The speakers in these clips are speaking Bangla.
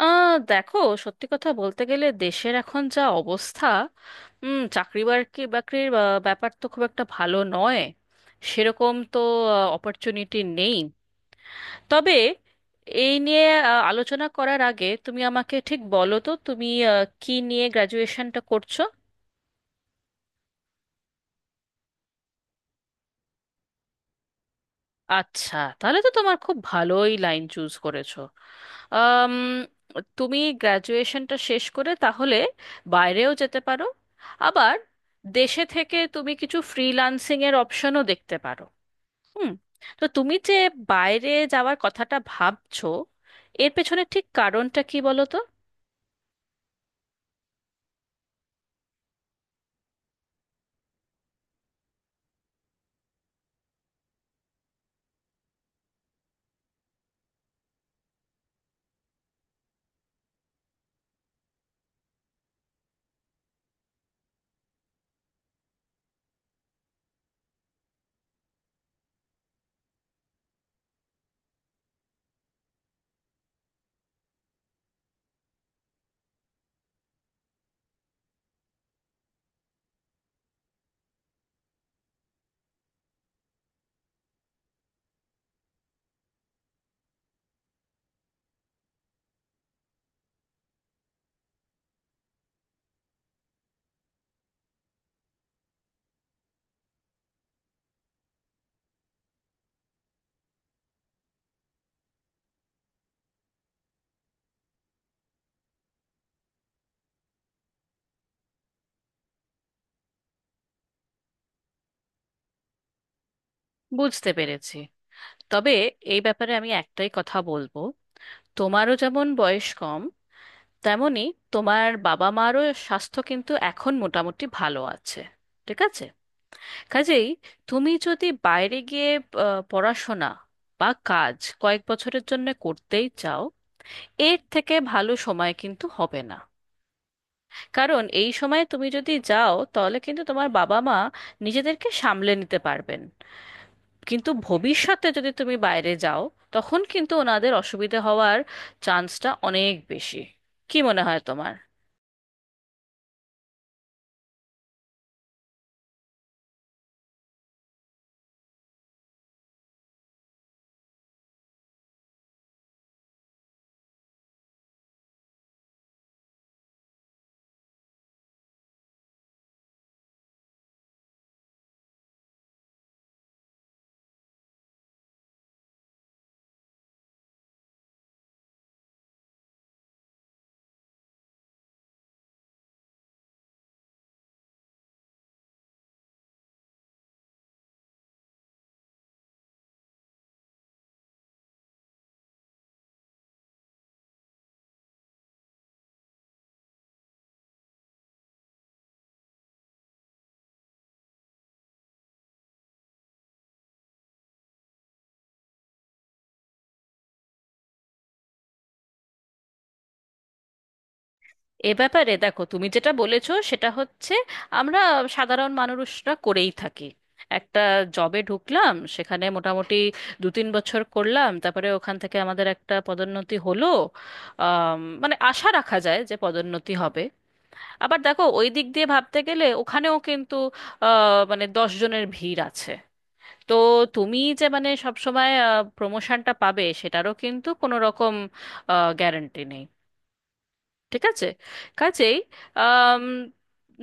দেখো, সত্যি কথা বলতে গেলে দেশের এখন যা অবস্থা, চাকরি বাকরির ব্যাপার তো খুব একটা ভালো নয়, সেরকম তো অপরচুনিটি নেই। তবে এই নিয়ে আলোচনা করার আগে তুমি আমাকে ঠিক বলো তো, তুমি কি নিয়ে গ্র্যাজুয়েশনটা করছো? আচ্ছা, তাহলে তো তোমার খুব ভালোই লাইন চুজ করেছো। আম, তুমি গ্র্যাজুয়েশনটা শেষ করে তাহলে বাইরেও যেতে পারো, আবার দেশে থেকে তুমি কিছু ফ্রিল্যান্সিং এর অপশনও দেখতে পারো। হুম। তো তুমি যে বাইরে যাওয়ার কথাটা ভাবছো, এর পেছনে ঠিক কারণটা কি বলো তো? বুঝতে পেরেছি। তবে এই ব্যাপারে আমি একটাই কথা বলবো, তোমারও যেমন বয়স কম, তেমনি তোমার বাবা মারও স্বাস্থ্য কিন্তু এখন মোটামুটি ভালো আছে, ঠিক আছে? কাজেই তুমি যদি বাইরে গিয়ে পড়াশোনা বা কাজ কয়েক বছরের জন্য করতেই চাও, এর থেকে ভালো সময় কিন্তু হবে না। কারণ এই সময় তুমি যদি যাও, তাহলে কিন্তু তোমার বাবা মা নিজেদেরকে সামলে নিতে পারবেন। কিন্তু ভবিষ্যতে যদি তুমি বাইরে যাও, তখন কিন্তু ওনাদের অসুবিধে হওয়ার চান্সটা অনেক বেশি। কি মনে হয় তোমার? এ ব্যাপারে দেখো, তুমি যেটা বলেছো সেটা হচ্ছে আমরা সাধারণ মানুষরা করেই থাকি। একটা জবে ঢুকলাম, সেখানে মোটামুটি 2-3 বছর করলাম, তারপরে ওখান থেকে আমাদের একটা পদোন্নতি হলো। মানে আশা রাখা যায় যে পদোন্নতি হবে। আবার দেখো, ওই দিক দিয়ে ভাবতে গেলে ওখানেও কিন্তু মানে 10 জনের ভিড় আছে। তো তুমি যে মানে সবসময় প্রমোশনটা পাবে সেটারও কিন্তু কোনো রকম গ্যারান্টি নেই, ঠিক আছে? কাজেই আম,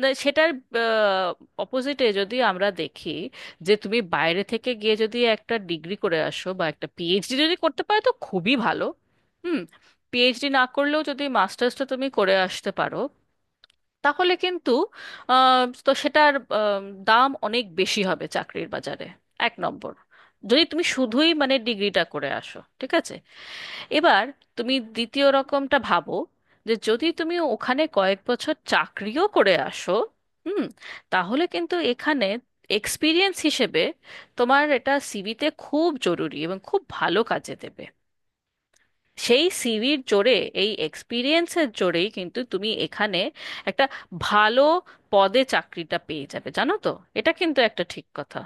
না, সেটার অপোজিটে যদি আমরা দেখি, যে তুমি বাইরে থেকে গিয়ে যদি একটা ডিগ্রি করে আসো বা একটা পিএইচডি যদি করতে পারো, তো খুবই ভালো। হুম। পিএইচডি না করলেও যদি মাস্টার্সটা তুমি করে আসতে পারো, তাহলে কিন্তু আম, তো সেটার আম, দাম অনেক বেশি হবে চাকরির বাজারে। 1 নম্বর, যদি তুমি শুধুই মানে ডিগ্রিটা করে আসো, ঠিক আছে। এবার তুমি দ্বিতীয় রকমটা ভাবো, যে যদি তুমি ওখানে কয়েক বছর চাকরিও করে আসো। হুম। তাহলে কিন্তু এখানে এক্সপিরিয়েন্স হিসেবে তোমার এটা সিভিতে খুব জরুরি এবং খুব ভালো কাজে দেবে। সেই সিভির জোরে, এই এক্সপিরিয়েন্সের জোরেই কিন্তু তুমি এখানে একটা ভালো পদে চাকরিটা পেয়ে যাবে, জানো তো? এটা কিন্তু একটা ঠিক কথা।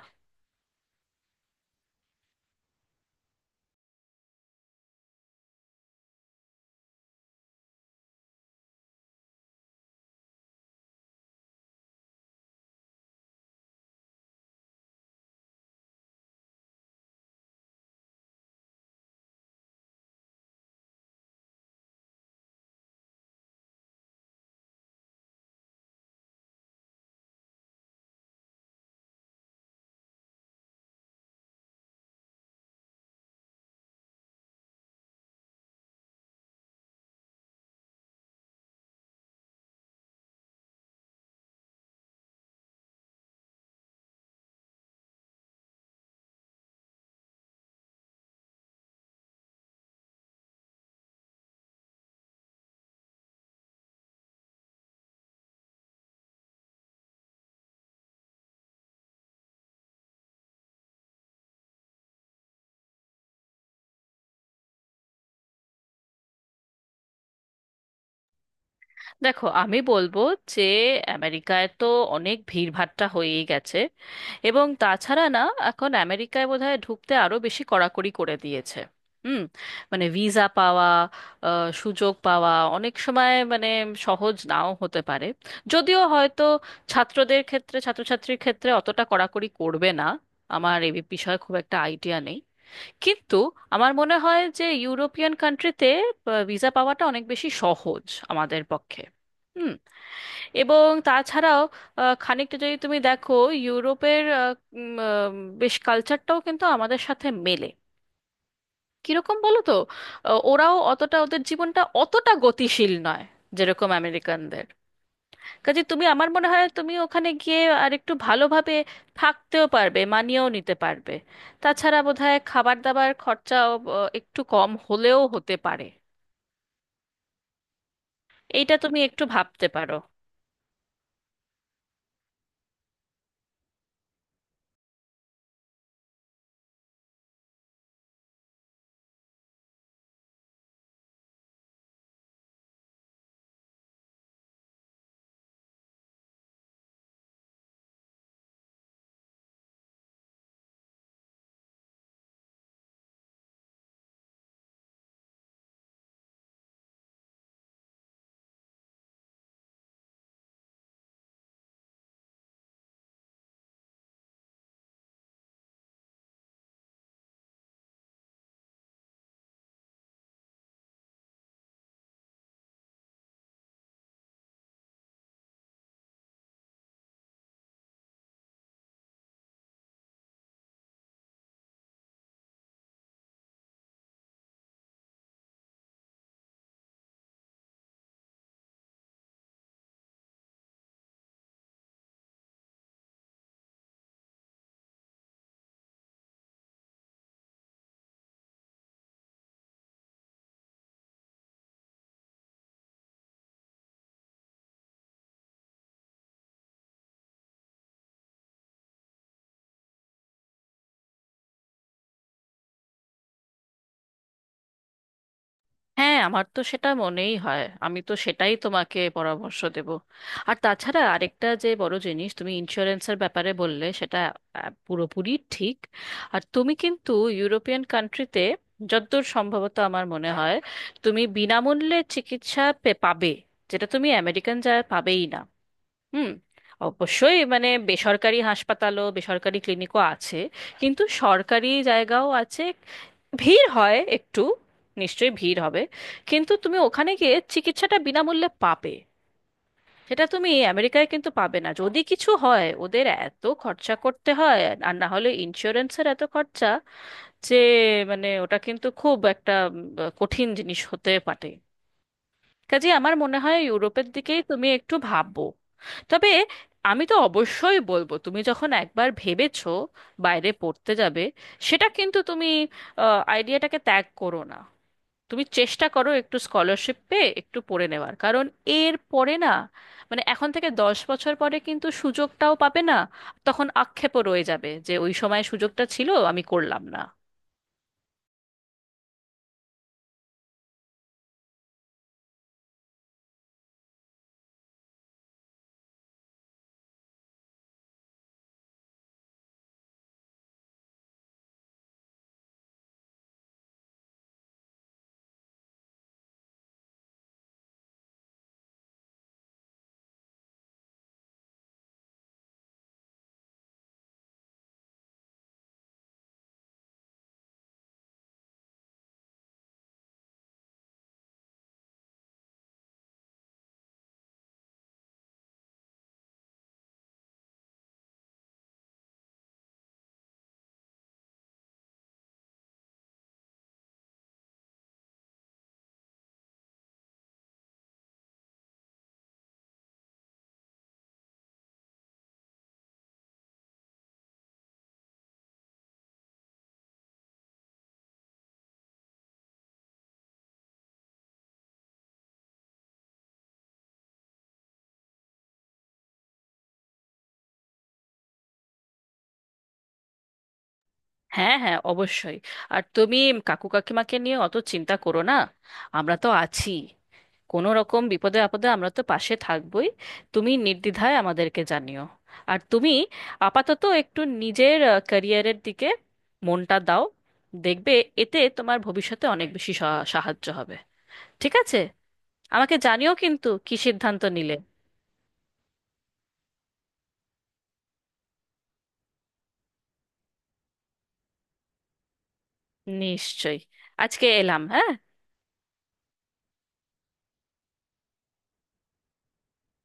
দেখো, আমি বলবো যে আমেরিকায় তো অনেক ভিড়ভাট্টা হয়েই গেছে। এবং তাছাড়া না, এখন আমেরিকায় বোধহয় ঢুকতে আরো বেশি কড়াকড়ি করে দিয়েছে। হুম। মানে ভিসা পাওয়া, সুযোগ পাওয়া অনেক সময় মানে সহজ নাও হতে পারে। যদিও হয়তো ছাত্রদের ক্ষেত্রে, ছাত্রছাত্রীর ক্ষেত্রে অতটা কড়াকড়ি করবে না, আমার এ বিষয়ে খুব একটা আইডিয়া নেই। কিন্তু আমার মনে হয় যে ইউরোপিয়ান কান্ট্রিতে ভিসা পাওয়াটা অনেক বেশি সহজ আমাদের পক্ষে। হুম। এবং তাছাড়াও খানিকটা যদি তুমি দেখো, ইউরোপের উম, আহ, বেশ কালচারটাও কিন্তু আমাদের সাথে মেলে। কিরকম বলো তো, ওরাও অতটা, ওদের জীবনটা অতটা গতিশীল নয় যেরকম আমেরিকানদের। কাজে তুমি, আমার মনে হয় তুমি ওখানে গিয়ে আর একটু ভালোভাবে থাকতেও পারবে, মানিয়েও নিতে পারবে। তাছাড়া বোধহয় খাবার দাবার খরচাও একটু কম হলেও হতে পারে। এইটা তুমি একটু ভাবতে পারো। হ্যাঁ, আমার তো সেটা মনেই হয়, আমি তো সেটাই তোমাকে পরামর্শ দেব। আর তাছাড়া আরেকটা যে বড় জিনিস তুমি ইন্স্যুরেন্সের ব্যাপারে বললে, সেটা পুরোপুরি ঠিক। আর তুমি কিন্তু ইউরোপিয়ান কান্ট্রিতে, যতদূর সম্ভবত আমার মনে হয়, তুমি বিনামূল্যে চিকিৎসা পাবে, যেটা তুমি আমেরিকান যায় পাবেই না। হুম। অবশ্যই মানে বেসরকারি হাসপাতালও, বেসরকারি ক্লিনিকও আছে, কিন্তু সরকারি জায়গাও আছে। ভিড় হয় একটু, নিশ্চয়ই ভিড় হবে, কিন্তু তুমি ওখানে গিয়ে চিকিৎসাটা বিনামূল্যে পাবে। সেটা তুমি আমেরিকায় কিন্তু পাবে না, যদি কিছু হয় ওদের এত খরচা করতে হয়, আর না হলে ইন্স্যুরেন্সের এত খরচা, যে মানে ওটা কিন্তু খুব একটা কঠিন জিনিস হতে পারে। কাজে আমার মনে হয় ইউরোপের দিকেই তুমি একটু ভাববো। তবে আমি তো অবশ্যই বলবো, তুমি যখন একবার ভেবেছো বাইরে পড়তে যাবে, সেটা কিন্তু তুমি আইডিয়াটাকে ত্যাগ করো না। তুমি চেষ্টা করো একটু স্কলারশিপ পেয়ে একটু পড়ে নেওয়ার, কারণ এর পরে না, মানে এখন থেকে 10 বছর পরে কিন্তু সুযোগটাও পাবে না। তখন আক্ষেপও রয়ে যাবে যে ওই সময় সুযোগটা ছিল, আমি করলাম না। হ্যাঁ, হ্যাঁ, অবশ্যই। আর তুমি কাকু কাকিমাকে নিয়ে অত চিন্তা করো না, আমরা তো আছি। কোনো রকম বিপদে আপদে আমরা তো পাশে থাকবোই, তুমি নির্দ্বিধায় আমাদেরকে জানিও। আর তুমি আপাতত একটু নিজের ক্যারিয়ারের দিকে মনটা দাও, দেখবে এতে তোমার ভবিষ্যতে অনেক বেশি সাহায্য হবে, ঠিক আছে? আমাকে জানিও কিন্তু কি সিদ্ধান্ত নিলে। নিশ্চয়ই আজকে এলাম, হ্যাঁ।